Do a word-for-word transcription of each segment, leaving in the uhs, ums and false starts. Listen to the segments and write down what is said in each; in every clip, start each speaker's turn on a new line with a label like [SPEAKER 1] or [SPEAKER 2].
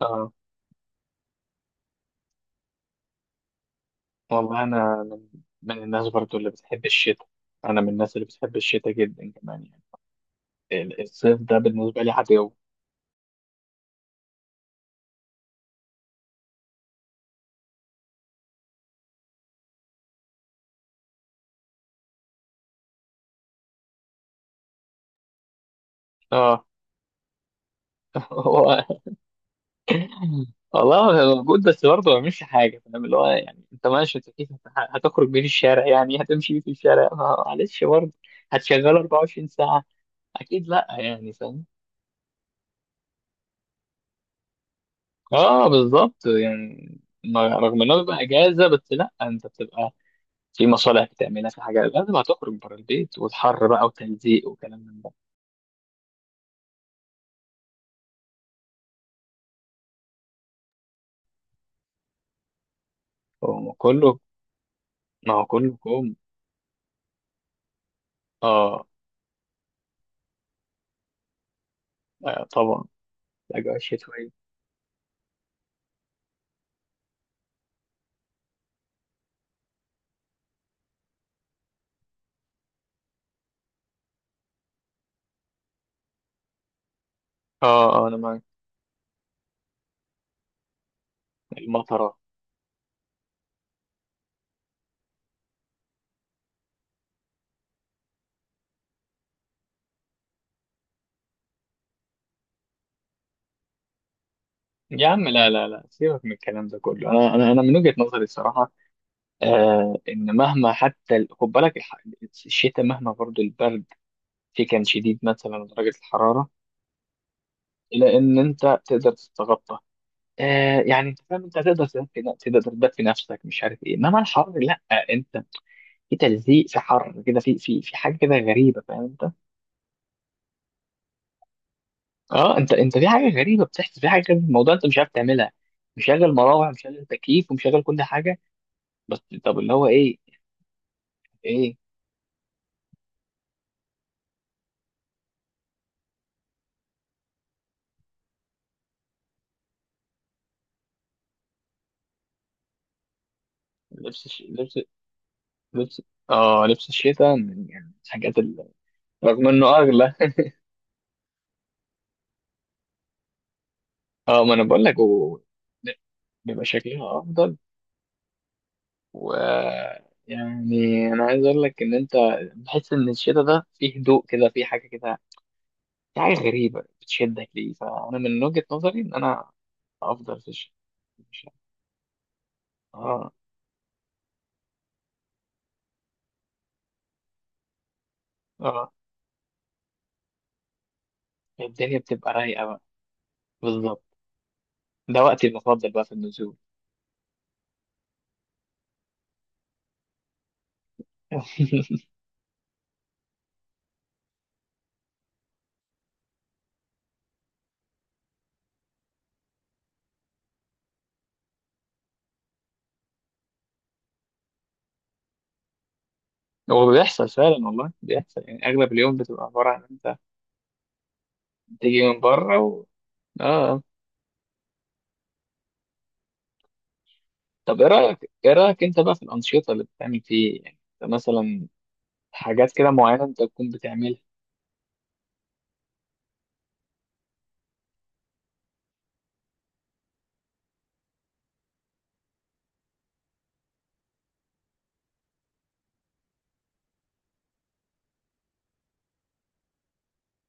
[SPEAKER 1] اه، والله انا من, من الناس برضو اللي بتحب الشتاء. انا من الناس اللي بتحب الشتاء جدا كمان، يعني ال- الصيف ده بالنسبه لي عدو. اه. هو، والله هو موجود بس برضه ما بيعملش حاجه، فاهم؟ اللي هو يعني انت ماشي تكيف، هت- هتخرج بيه في الشارع، يعني هتمشي بيه في الشارع، ما- معلش برضه هتشغله أربعة وعشرين ساعه؟ اكيد لا، يعني فاهم. اه، بالظبط، يعني ما- رغم انه بيبقى اجازه، بس لا انت بتبقى في مصالح بتعملها، في حاجة لازم هتخرج بره البيت، والحر بقى، وتلزيق، وكلام من ده. هو كله، ما هو كله كوم. اه. آه، طبعا، الأجواء الشتوية. اه، اه، أنا معاك. المطرة. يا عم لا لا لا، سيبك من الكلام ده كله، أنا أنا أنا من وجهة نظري الصراحة، آه، إن مهما حتى ال- خد بالك الح- الشتاء مهما برضو البرد فيه كان شديد، مثلا درجة الحرارة، إلا إن أنت تقدر تتغطى. آه، يعني أنت فاهم، أنت تقدر تدفي ن- تقدر تدفي نفسك، مش عارف إيه، إنما الحر لا. أنت في تلزيق، في حر كده، في في في حاجه كده غريبه، فاهم انت؟ اه، انت انت في حاجه غريبه بتحصل، في حاجه كده في الموضوع، انت مش عارف تعملها. مشغل مراوح، مشغل تكييف، ومشغل كل حاجه. بس طب اللي هو ايه ايه لبس الش- لبس لبس اه لبس الشتاء، من- يعني الحاجات ال- رغم انه اغلى. اه ما انا بقول لك و... بيبقى شكلها افضل. و، يعني انا عايز اقول لك ان انت بتحس ان الشتاء ده فيه هدوء كده، فيه حاجه كده، في حاجة غريبة بتشدك ليه. فأنا من وجهة نظري إن أنا أفضل في الشتاء. مش. آه. آه. الدنيا بتبقى رايقة بقى. بالظبط. ده وقتي المفضل بقى في النزول. هو بيحصل فعلا، والله بيحصل، يعني أغلب اليوم بتبقى عبارة عن أنت تيجي من بره و... آه طب إيه رأيك، إيه رأيك أنت بقى في الأنشطة اللي بتعمل فيه، يعني أنت مثلا حاجات كده معينة أنت تكون بتعملها.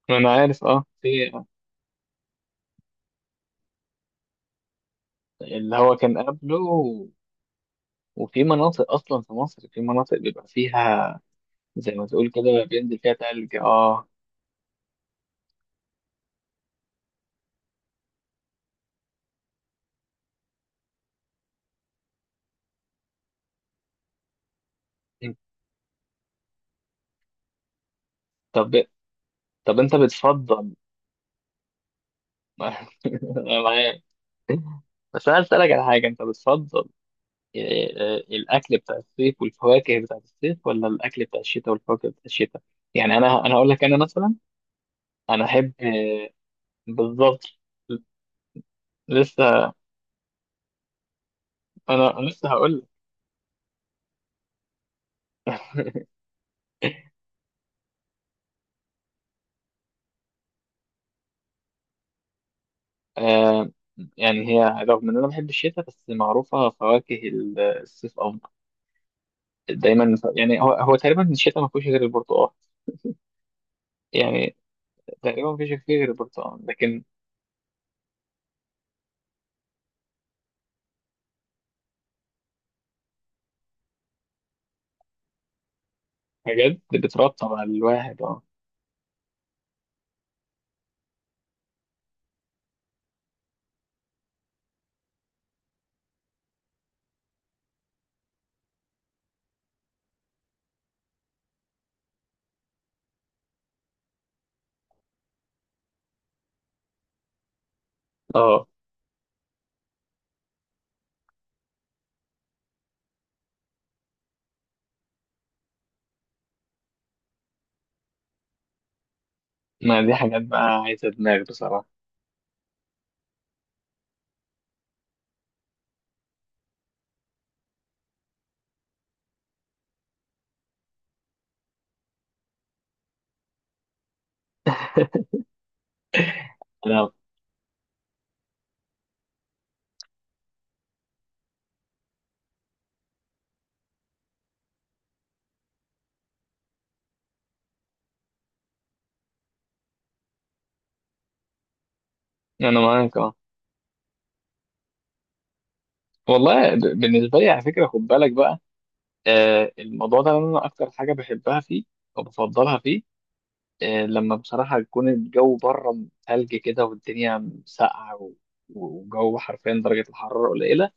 [SPEAKER 1] أنا عارف، آه في اللي هو كان قبله. وفي مناطق اصلا في مصر في مناطق بيبقى فيها، زي ما تقول كده بينزل فيها تلج، اه. انت- طب طب انت بتفضل؟ انا معاك. بس انا اسالك على حاجه، انت بتفضل ال- الاكل بتاع الصيف والفواكه بتاع الصيف، ولا الاكل بتاع الشتاء والفواكه بتاع الشتاء؟ يعني انا انا هقول لك انا مثلا انا احب، آه، بالظبط، لسه. انا أنا لسه هقول لك، آه، يعني هي رغم ان انا بحب الشتاء، بس معروفه فواكه الصيف افضل دايما، ف- يعني هو هو تقريبا الشتاء ما فيهوش غير البرتقال، يعني تقريبا ما فيش فيه غير البرتقال، لكن حاجات بترطب على الواحد، اه، اه، ما دي حاجات بقى عايزه دماغ بصراحه. انا انا معاك. اه، والله ب- بالنسبه لي على فكره، خد بالك بقى، آه، الموضوع ده انا اكتر حاجه بحبها فيه، او بفضلها فيه، آه لما بصراحه يكون الجو بره ثلج كده، والدنيا ساقعه، و- وجو حرفيا درجه الحراره قليله،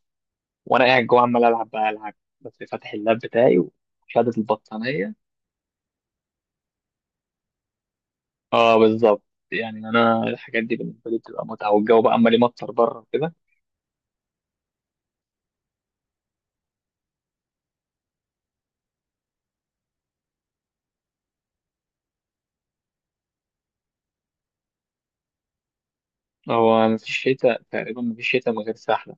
[SPEAKER 1] وانا قاعد جوه عمال العب بقى العب، بس فاتح اللاب بتاعي وشادد البطانيه. اه بالظبط، يعني انا الحاجات دي بالنسبه لي بتبقى متعه، والجو بقى عمال يمطر بره كده. هو مفيش شتاء، تقريبا مفيش شتاء من غير سحله.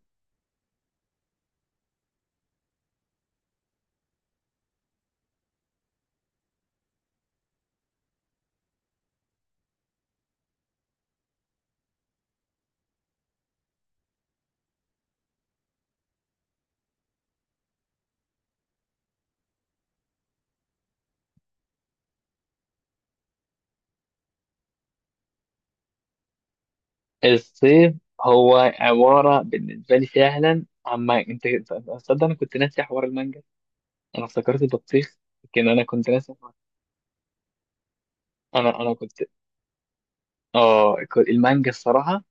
[SPEAKER 1] الصيف هو عباره بالنسبه لي فعلا عما انت، تصدق انا كنت ناسي حوار المانجا، انا افتكرت البطيخ لكن انا كنت ناسي حوار- انا انا كنت اه كنت- المانجا الصراحه،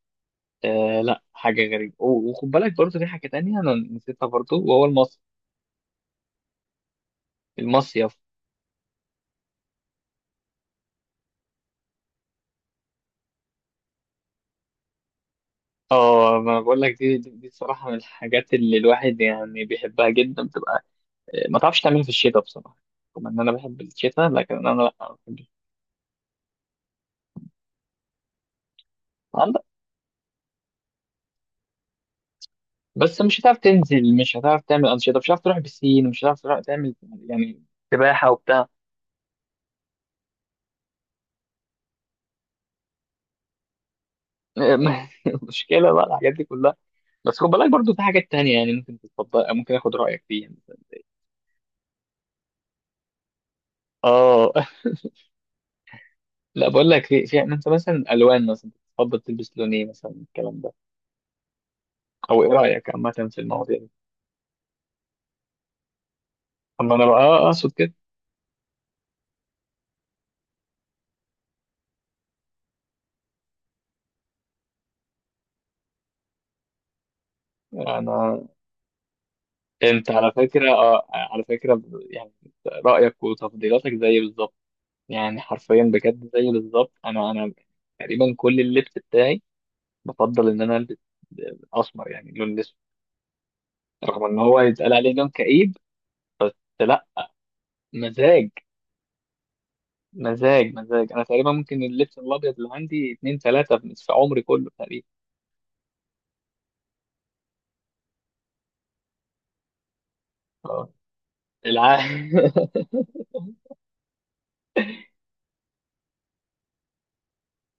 [SPEAKER 1] آه لا حاجه غريبه، و- وخد بالك برضه في حاجه تانية انا نسيتها برضه، وهو المصيف. المصيف. اه، ما بقول لك، دي دي دي الصراحه من الحاجات اللي الواحد يعني بيحبها جدا، بتبقى ما تعرفش تعملها في الشتاء بصراحه. رغم ان انا بحب الشتاء، لكن انا لا ما بحبش. عندك بس مش هتعرف تنزل، مش هتعرف تعمل انشطه، مش هتعرف تروح بسين، مش هتعرف تروح تعمل، يعني سباحه وبتاع. مشكله بقى الحاجات دي كلها. بس خد بالك برضو في حاجات تانية، يعني ممكن تتفضل، ممكن اخد رايك فيها. اه. لا بقول لك، في في انت مثلا الوان مثلا، تفضل تلبس لون ايه مثلا، الكلام ده، او ايه رايك عامه في المواضيع دي؟ طب ما انا بقى، آه، آه، اقصد كده. انا، انت على فكره، آه على فكره، ب- يعني رايك وتفضيلاتك زي بالظبط، يعني حرفيا بجد زي بالظبط. انا انا تقريبا كل اللبس بتاعي بفضل ان انا البس اسمر، يعني لون اسود. رغم ان هو يتقال عليه لون كئيب بس لا. مزاج، مزاج، مزاج. انا تقريبا ممكن اللبس الابيض اللي عندي اتنين ثلاثه في نصف عمري كله تقريبا. آه. الع...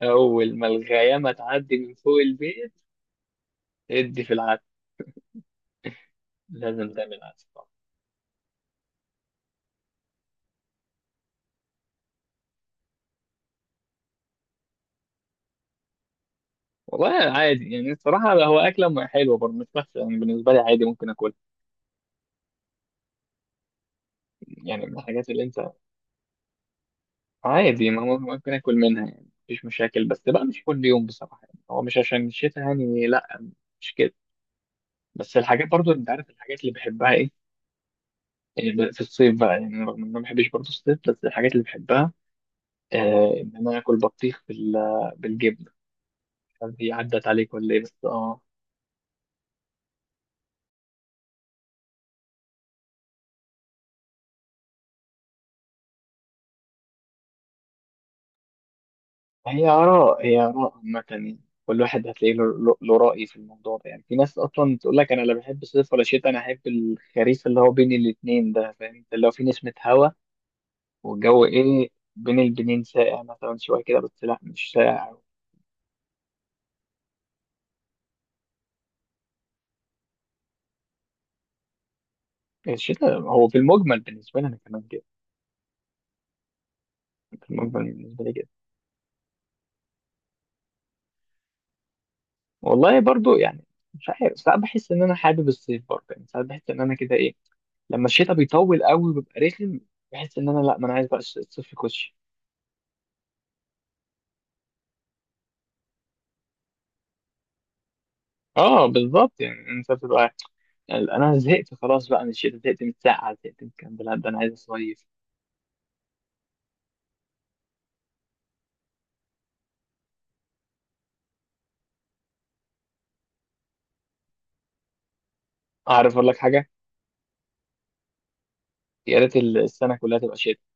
[SPEAKER 1] اول ما الغيامه تعدي من فوق البيت، ادي في العسل. لازم تعمل عدس طبعا. والله عادي، يعني الصراحة هو أكلة م- حلوة برضه، مش وحشة، يعني بالنسبة لي عادي ممكن أكل. يعني من الحاجات اللي أنت، عادي، ما هو ممكن أكل منها، يعني مفيش مشاكل، بس بقى مش كل يوم بصراحة، يعني هو مش عشان الشتاء يعني، لا مش كده. بس الحاجات برضه، أنت عارف الحاجات اللي بحبها إيه، يعني ب- في الصيف بقى، يعني أنا رغم إن أنا ما بحبش برضه الصيف، بس الحاجات اللي بحبها، آه، إن أنا آكل بطيخ بال- بالجبنة، مش عارف هي عدت عليك ولا إيه بس آه. هي آراء، هي آراء عامة، يعني كل واحد هتلاقي له له- له رأي في الموضوع ده، يعني في ناس أصلا تقول لك أنا لا بحب الصيف ولا شتاء، أنا أحب الخريف اللي هو بين الاتنين ده، فاهم أنت؟ اللي هو في نسمة هوا والجو إيه، بين البنين ساقع مثلا شوية كده، بس لا مش ساقع. الشتاء هو في المجمل بالنسبة لي أنا كمان كده، في المجمل بالنسبة لي كده. والله برضو، يعني مش عارف، ساعات بحس إن أنا حابب الصيف برضه، يعني ساعات بحس إن أنا كده إيه، لما الشتاء بيطول قوي وبيبقى رخم، بحس إن أنا لا، ما أنا عايز بقى الصيف يخش. اه بالظبط، يعني انت بتبقى، يعني انا زهقت خلاص بقى من الشتاء، زهقت من السقعه، زهقت من الكلام ده لا، ده انا عايز اصيف. اعرف اقول لك حاجه، يا ريت السنه كلها تبقى شتاء.